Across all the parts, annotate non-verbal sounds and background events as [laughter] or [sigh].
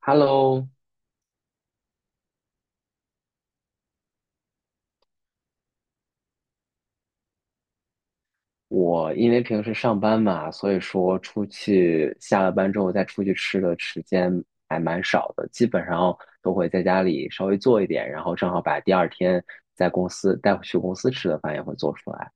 Hello，我因为平时上班嘛，所以说出去下了班之后再出去吃的时间还蛮少的，基本上都会在家里稍微做一点，然后正好把第二天在公司带回去公司吃的饭也会做出来。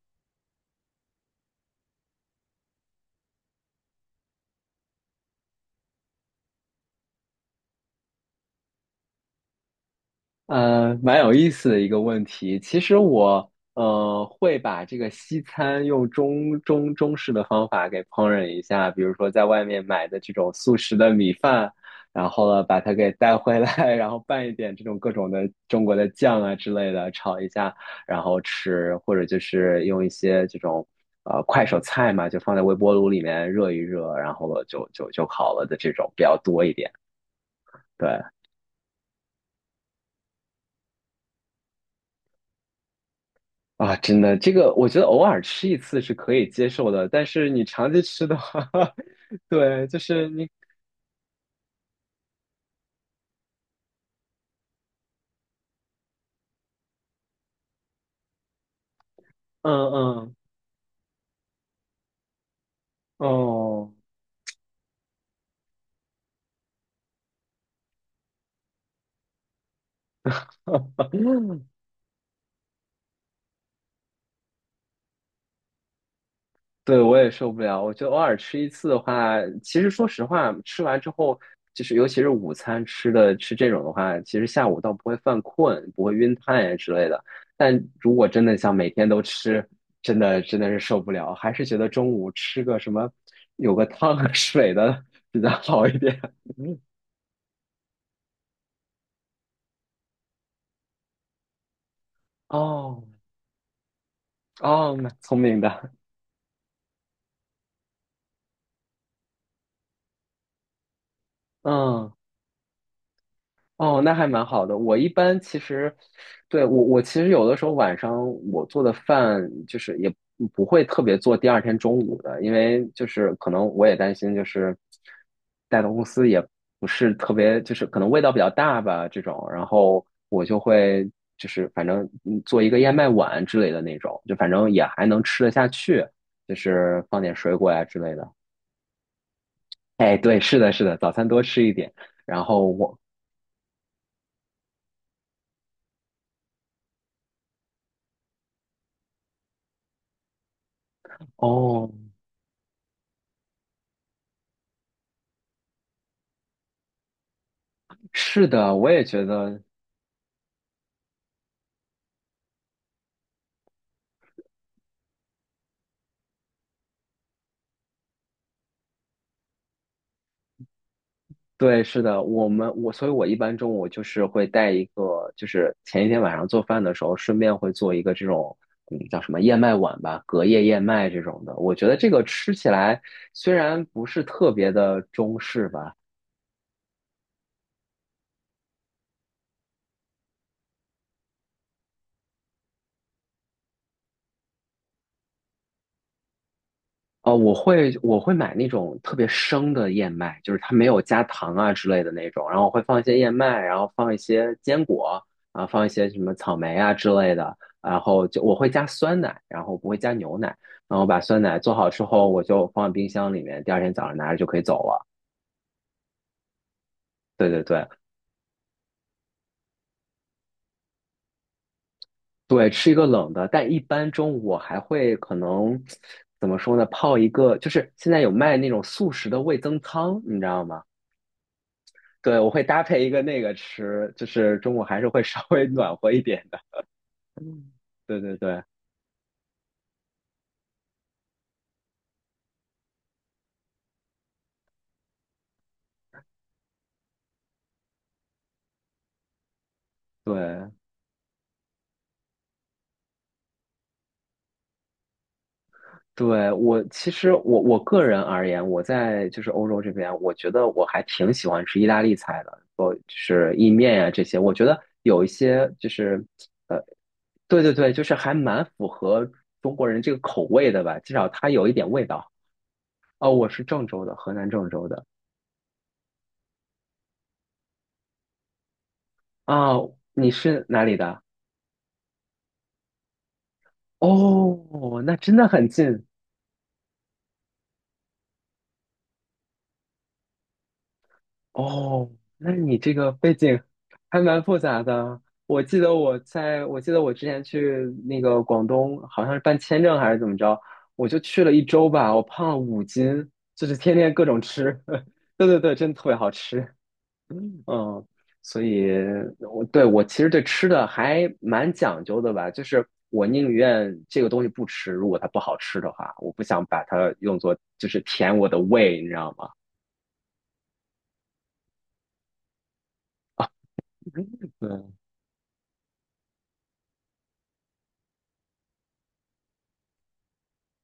蛮有意思的一个问题。其实我会把这个西餐用中式的方法给烹饪一下，比如说在外面买的这种速食的米饭，然后呢把它给带回来，[laughs] 然后拌一点这种各种的中国的酱啊之类的炒一下，然后吃，或者就是用一些这种快手菜嘛，就放在微波炉里面热一热，然后就好了的这种比较多一点。对。啊，真的，这个我觉得偶尔吃一次是可以接受的，但是你长期吃的话，[laughs] 对，就是你，嗯嗯，哦，[laughs] 对，我也受不了。我觉得偶尔吃一次的话，其实说实话，吃完之后，就是尤其是午餐吃这种的话，其实下午倒不会犯困，不会晕碳呀之类的。但如果真的像每天都吃，真的真的是受不了，还是觉得中午吃个什么，有个汤和水的 [laughs] 比较好一点。[laughs] 哦哦，蛮聪明的，嗯。哦，那还蛮好的。我一般其实，对，我其实有的时候晚上我做的饭就是也不会特别做第二天中午的，因为就是可能我也担心就是带到公司也不是特别，就是可能味道比较大吧这种，然后我就会就是反正做一个燕麦碗之类的那种，就反正也还能吃得下去，就是放点水果呀之类的。哎，对，是的，是的，早餐多吃一点，然后我。哦，是的，我也觉得，对，是的，我们我，所以我一般中午就是会带一个，就是前一天晚上做饭的时候，顺便会做一个这种，嗯，叫什么燕麦碗吧，隔夜燕麦这种的。我觉得这个吃起来虽然不是特别的中式吧，哦，我会买那种特别生的燕麦，就是它没有加糖啊之类的那种，然后我会放一些燕麦，然后放一些坚果，啊，放一些什么草莓啊之类的，然后就我会加酸奶，然后不会加牛奶，然后把酸奶做好之后，我就放在冰箱里面，第二天早上拿着就可以走了。对对对对，吃一个冷的，但一般中午我还会可能怎么说呢，泡一个，就是现在有卖那种速食的味增汤，你知道吗？对，我会搭配一个那个吃，就是中午还是会 [laughs] 稍微暖和一点的。嗯对对对对对，我个人而言，我在就是欧洲这边，我觉得我还挺喜欢吃意大利菜的，我就是意面呀、这些，我觉得有一些就是呃，对对对，就是还蛮符合中国人这个口味的吧，至少它有一点味道。哦，我是郑州的，河南郑州的。啊，你是哪里的？哦，那真的很近。哦，那你这个背景还蛮复杂的。我记得我之前去那个广东，好像是办签证还是怎么着，我就去了一周吧，我胖了5斤，就是天天各种吃。[laughs] 对对对，真的特别好吃。[laughs] 嗯，所以我对其实对吃的还蛮讲究的吧，就是我宁愿这个东西不吃，如果它不好吃的话，我不想把它用作就是填我的胃，你知道吗？对，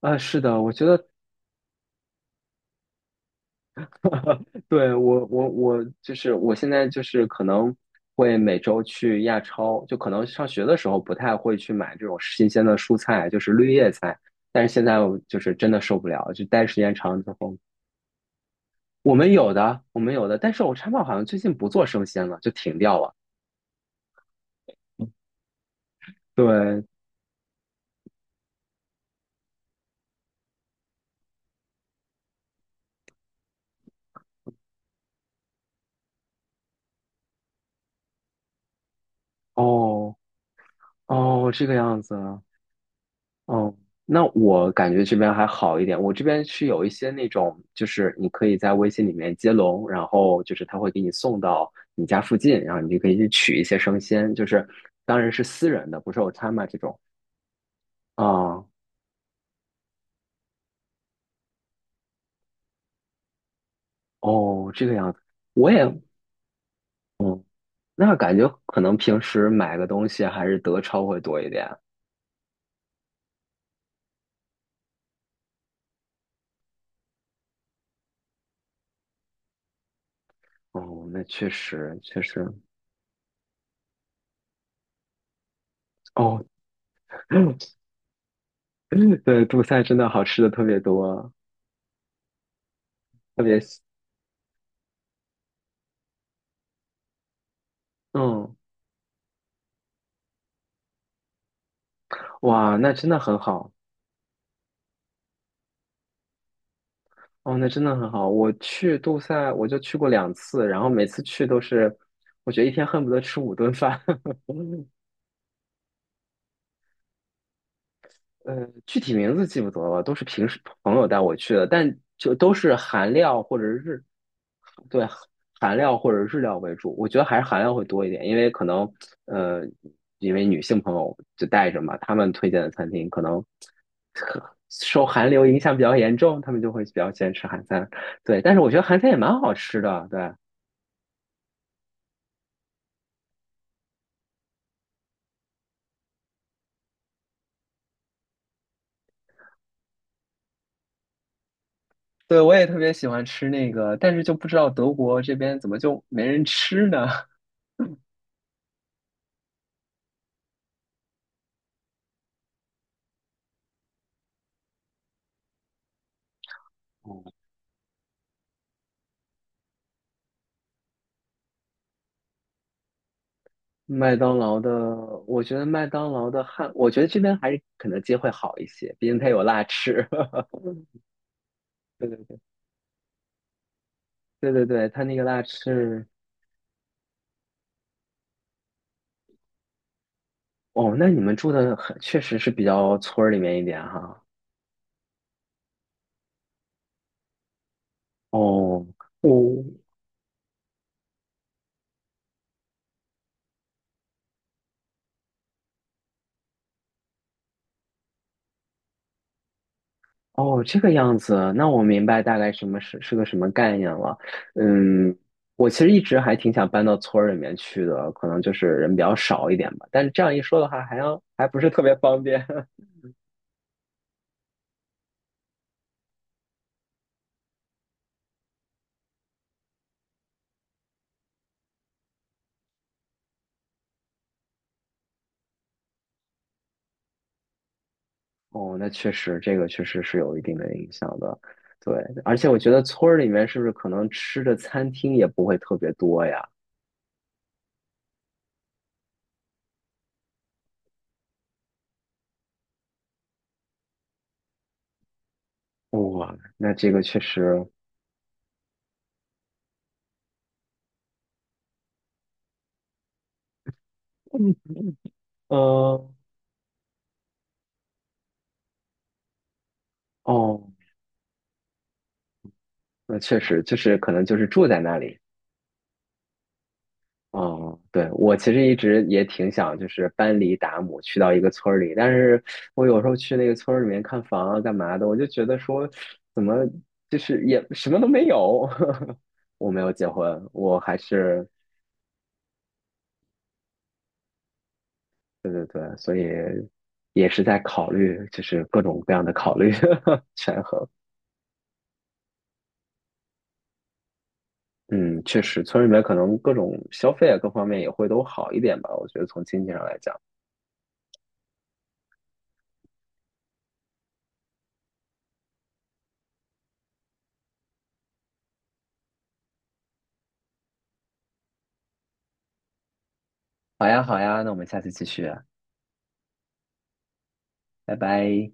啊，是的，我觉得 [laughs] 对，我就是我现在就是可能会每周去亚超，就可能上学的时候不太会去买这种新鲜的蔬菜，就是绿叶菜，但是现在我就是真的受不了，就待时间长了之后，我们有的，但是我超到好像最近不做生鲜了，就停掉了。对，哦哦，这个样子啊，哦，那我感觉这边还好一点。我这边是有一些那种，就是你可以在微信里面接龙，然后就是他会给你送到你家附近，然后你就可以去取一些生鲜，就是当然是私人的，不是有餐嘛这种。啊，哦，这个样子，我也那感觉可能平时买个东西还是德超会多一点。哦，那确实确实，哦，[laughs] 对，杜塞真的好吃的特别多，特别，嗯，哇，那真的很好。哦，那真的很好。我去杜塞，我就去过两次，然后每次去都是，我觉得一天恨不得吃五顿饭。[laughs] 具体名字记不得了，都是平时朋友带我去的，但就都是韩料或者日，对，韩料或者日料为主。我觉得还是韩料会多一点，因为可能呃，因为女性朋友就带着嘛，他们推荐的餐厅可能受韩流影响比较严重，他们就会比较喜欢吃韩餐。对，但是我觉得韩餐也蛮好吃的，对。对，我也特别喜欢吃那个，但是就不知道德国这边怎么就没人吃呢？嗯 [laughs] 麦当劳的，我觉得麦当劳的汉，我觉得这边还是肯德基会好一些，毕竟它有辣翅。[laughs] 对对对对对对，它那个辣翅，哦，那你们住的很，确实是比较村儿里面一点哈。哦，我哦，这个样子，那我明白大概什么是是个什么概念了。嗯，我其实一直还挺想搬到村儿里面去的，可能就是人比较少一点吧。但是这样一说的话，还不是特别方便。[laughs] 哦，那确实，这个确实是有一定的影响的。对，而且我觉得村儿里面是不是可能吃的餐厅也不会特别多呀？哇，那这个确实，嗯，呃，哦，那确实就是可能就是住在那里。哦，对，我其实一直也挺想，就是搬离达姆，去到一个村儿里。但是我有时候去那个村儿里面看房啊、干嘛的，我就觉得说，怎么就是也什么都没有。[laughs] 我没有结婚，我还是对对对，所以也是在考虑，就是各种各样的考虑 [laughs] 权衡。嗯，确实，村里面可能各种消费啊，各方面也会都好一点吧。我觉得从经济上来讲，好呀，好呀，那我们下次继续啊，拜拜。